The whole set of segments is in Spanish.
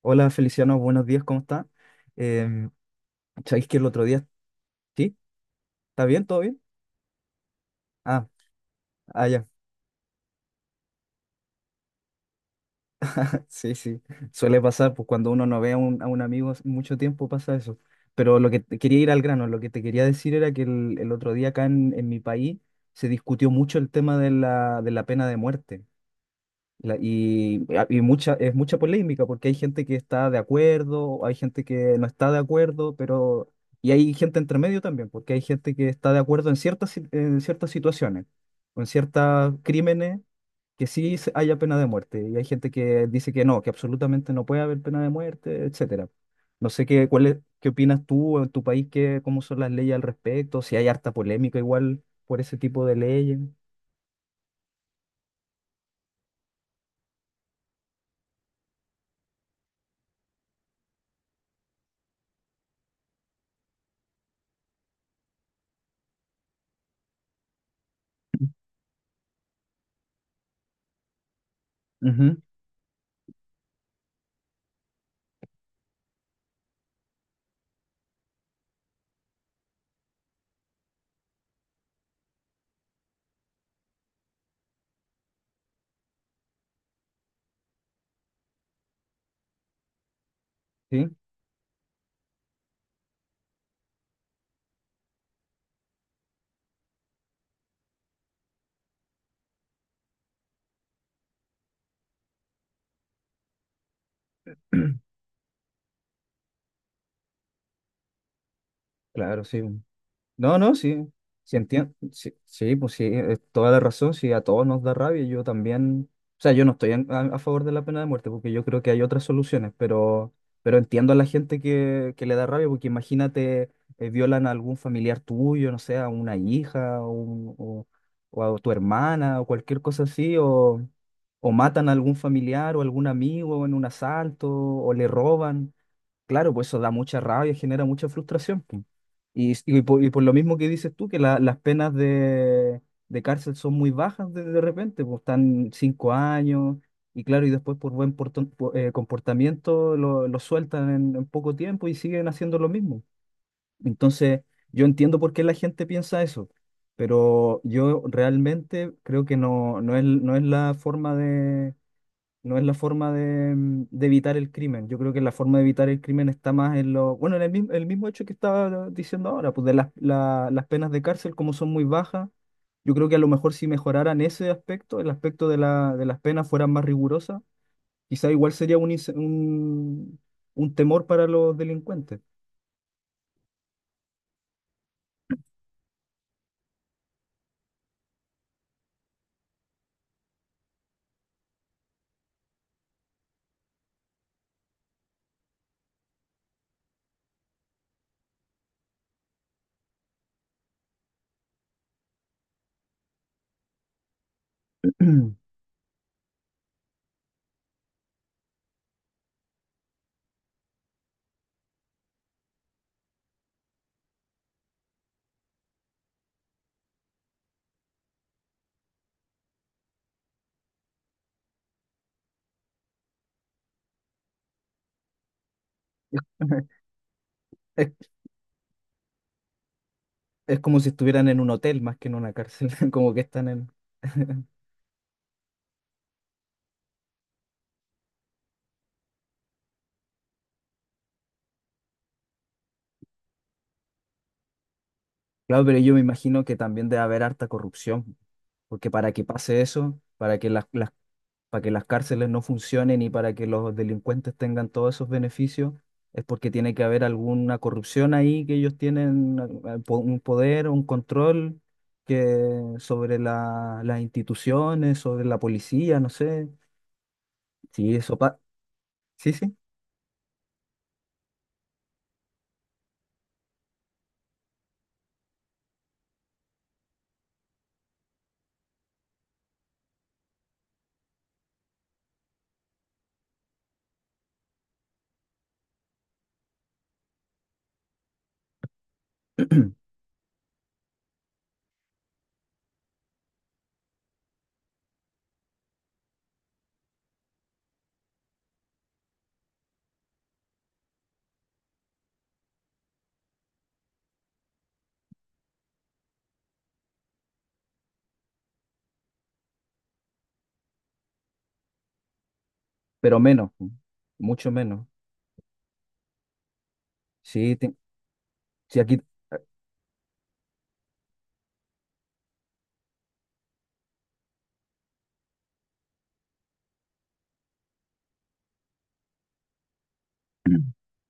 Hola Feliciano, buenos días, ¿cómo está? Eh, ¿Sabéis que el otro día, sí? ¿Está bien? ¿Todo bien? Ah, ya, sí, sí, suele pasar, pues cuando uno no ve a un, amigo hace mucho tiempo pasa eso. Pero lo que te quería ir al grano, lo que te quería decir era que el, otro día acá en mi país se discutió mucho el tema de la pena de muerte. Es mucha polémica porque hay gente que está de acuerdo, hay gente que no está de acuerdo, pero... Y hay gente entre medio también, porque hay gente que está de acuerdo en ciertas, en ciertas situaciones, o en ciertos crímenes, que sí haya pena de muerte. Y hay gente que dice que no, que absolutamente no puede haber pena de muerte, etcétera. No sé qué, qué opinas tú en tu país, qué, cómo son las leyes al respecto, si hay harta polémica igual por ese tipo de leyes. Ujú. Sí. Claro, sí. No, no, sí, sí entiendo, sí, sí, pues sí, es toda la razón, sí, a todos nos da rabia, yo también, o sea, yo no estoy a, favor de la pena de muerte porque yo creo que hay otras soluciones, pero entiendo a la gente que le da rabia porque imagínate, violan a algún familiar tuyo, no sé, a una hija o, o a tu hermana o cualquier cosa así, o, matan a algún familiar o algún amigo en un asalto o le roban. Claro, pues eso da mucha rabia, genera mucha frustración. Po. Y, y por, lo mismo que dices tú, que las penas de, cárcel son muy bajas de repente, pues están 5 años, y claro, y después por buen comportamiento lo sueltan en poco tiempo y siguen haciendo lo mismo. Entonces, yo entiendo por qué la gente piensa eso, pero yo realmente creo que no, no es, no es la forma no es la forma de, de evitar el crimen. Yo creo que la forma de evitar el crimen está más en lo, bueno, en el mismo hecho que estaba diciendo ahora, pues de las, las penas de cárcel, como son muy bajas, yo creo que a lo mejor si mejoraran ese aspecto, el aspecto de la, de las penas fueran más rigurosas, quizá igual sería un, un temor para los delincuentes. Es, es como si estuvieran en un hotel más que en una cárcel, como que están en... Claro, pero yo me imagino que también debe haber harta corrupción. Porque para que pase eso, para que las cárceles no funcionen y para que los delincuentes tengan todos esos beneficios, es porque tiene que haber alguna corrupción ahí que ellos tienen un poder, un control que sobre las instituciones, sobre la policía, no sé. Sí, eso sí, sí. Pero menos, mucho menos. Sí, sí, aquí.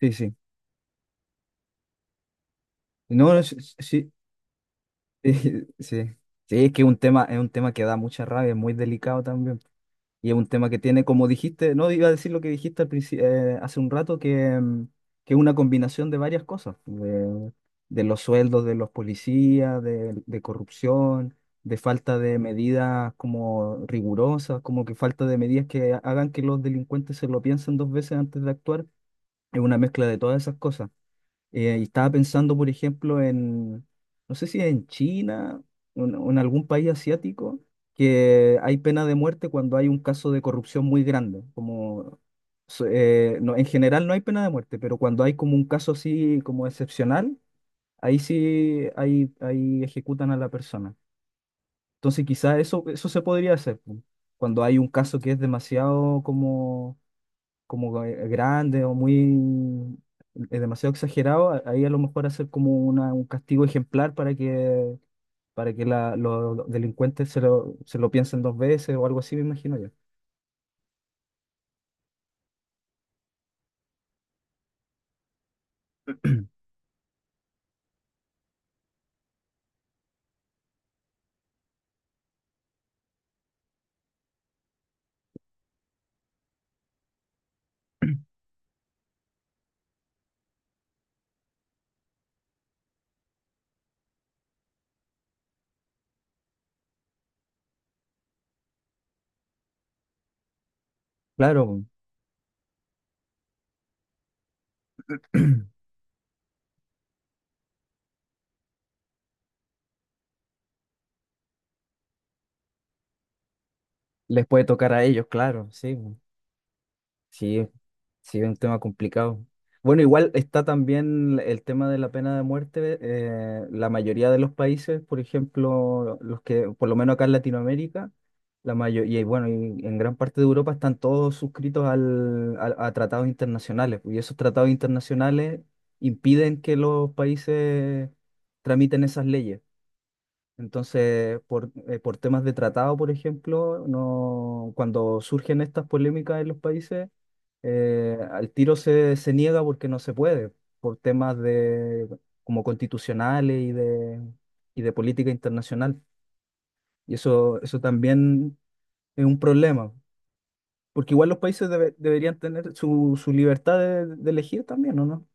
Sí, sí. No, no, sí, sí. Sí, sí. Sí, es que es un tema que da mucha rabia, es muy delicado también. Y es un tema que tiene, como dijiste, no iba a decir lo que dijiste al hace un rato, que es una combinación de varias cosas, de, los sueldos de los policías, de corrupción, de falta de medidas como rigurosas, como que falta de medidas que hagan que los delincuentes se lo piensen dos veces antes de actuar. Es una mezcla de todas esas cosas. Y estaba pensando, por ejemplo, no sé si en China o en algún país asiático, que hay pena de muerte cuando hay un caso de corrupción muy grande. Como, no, en general no hay pena de muerte, pero cuando hay como un caso así como excepcional, ahí ejecutan a la persona. Entonces quizás eso, se podría hacer. Pu. Cuando hay un caso que es demasiado como como grande o muy demasiado exagerado, ahí a lo mejor hacer como una, un castigo ejemplar para que, los delincuentes se lo piensen dos veces o algo así, me imagino yo. Claro. Les puede tocar a ellos, claro, sí. Sí. Sí, es un tema complicado. Bueno, igual está también el tema de la pena de muerte. La mayoría de los países, por ejemplo, los que, por lo menos acá en Latinoamérica, la mayoría, y bueno, y en gran parte de Europa están todos suscritos a tratados internacionales. Y esos tratados internacionales impiden que los países tramiten esas leyes. Entonces, por temas de tratado, por ejemplo, no, cuando surgen estas polémicas en los países, al tiro se, niega porque no se puede, por temas como constitucionales y de política internacional. Y eso, también es un problema, porque igual los países deberían tener su, libertad de elegir también, ¿o no?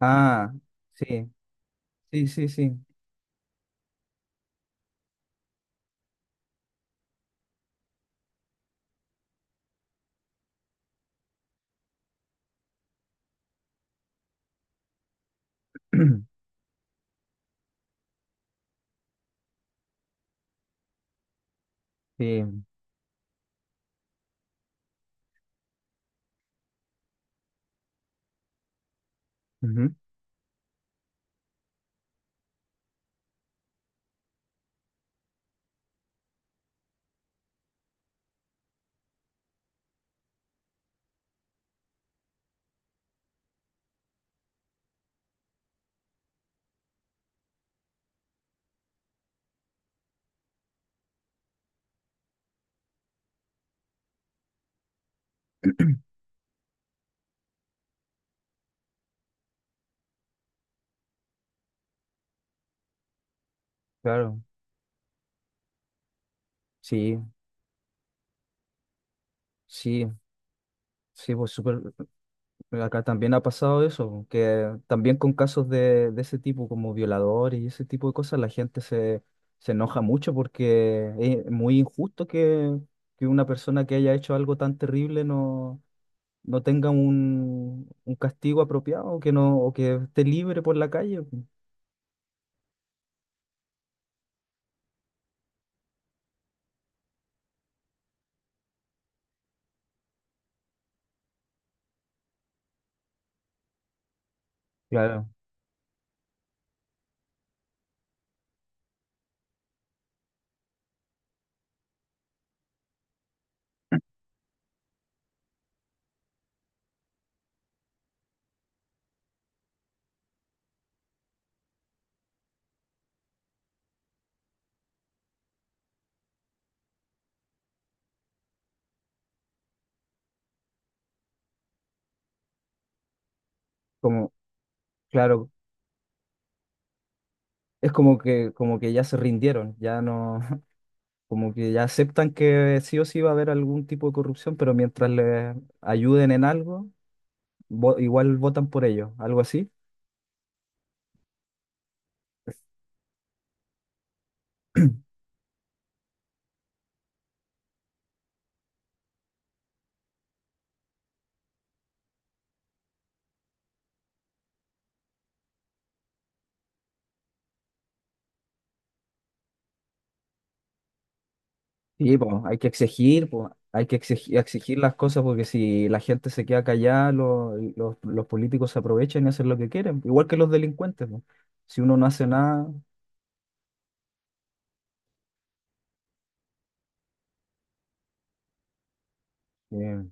Ah, sí, sí, sí, sí. Sí, ujú, claro, sí, sí. Sí, pues súper, acá también ha pasado eso, que también con casos de, ese tipo, como violadores y ese tipo de cosas, la gente se, enoja mucho porque es muy injusto que una persona que haya hecho algo tan terrible no, tenga un castigo apropiado, que no, o que esté libre por la calle. Claro. Como, claro, es como que ya se rindieron, ya no, como que ya aceptan que sí o sí va a haber algún tipo de corrupción, pero mientras les ayuden en algo igual votan por ellos, algo así. Y pues hay que exigir, pues, hay que exigir, exigir las cosas porque si la gente se queda callada, los políticos se aprovechan y hacen lo que quieren, igual que los delincuentes, po. Si uno no hace nada, eh,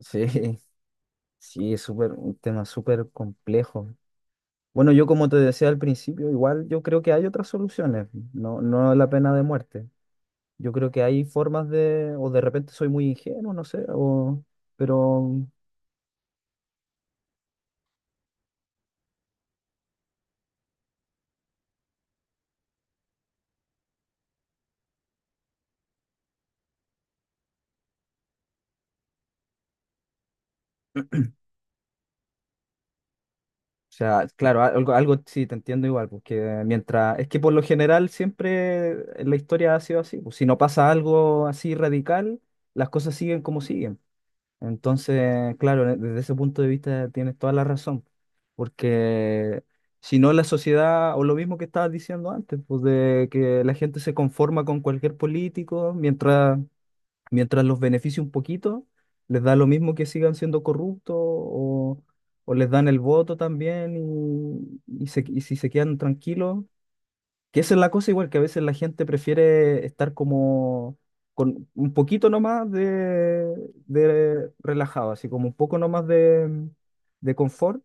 sí, sí, es súper, un tema súper complejo. Bueno, yo como te decía al principio, igual yo creo que hay otras soluciones, no, no la pena de muerte. Yo creo que hay formas o de repente soy muy ingenuo, no sé, pero. O sea, claro, algo, sí te entiendo igual, porque mientras, es que por lo general siempre la historia ha sido así, pues si no pasa algo así radical, las cosas siguen como siguen. Entonces, claro, desde ese punto de vista tienes toda la razón, porque si no la sociedad, o lo mismo que estabas diciendo antes, pues de que la gente se conforma con cualquier político, mientras los beneficie un poquito, les da lo mismo que sigan siendo corruptos o les dan el voto también y, y si se quedan tranquilos, que esa es la cosa igual, que a veces la gente prefiere estar como con un poquito nomás de, relajado, así como un poco nomás de confort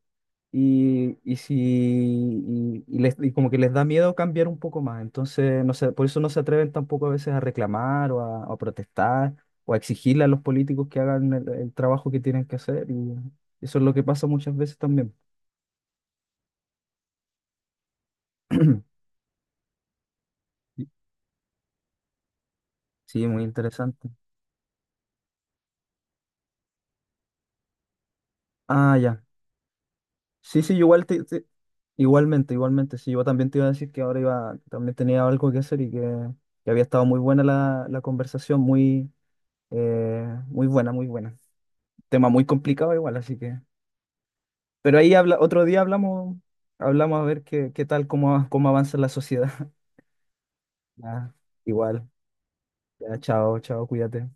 y si y, y les- y como que les da miedo cambiar un poco más. Entonces, no sé, por eso no se atreven tampoco a veces a reclamar o a protestar o a exigirle a los políticos que hagan el trabajo que tienen que hacer y eso es lo que pasa muchas veces también. Sí, muy interesante. Ah, ya. Sí, sí, igual igualmente, igualmente. Sí, yo también te iba a decir que ahora iba, también tenía algo que hacer y que había estado muy buena la conversación, muy, muy buena, muy buena. Tema muy complicado igual, así que. Pero ahí habla, otro día hablamos, hablamos a ver qué tal, cómo avanza la sociedad. Ya, igual. Ya, chao, chao, cuídate.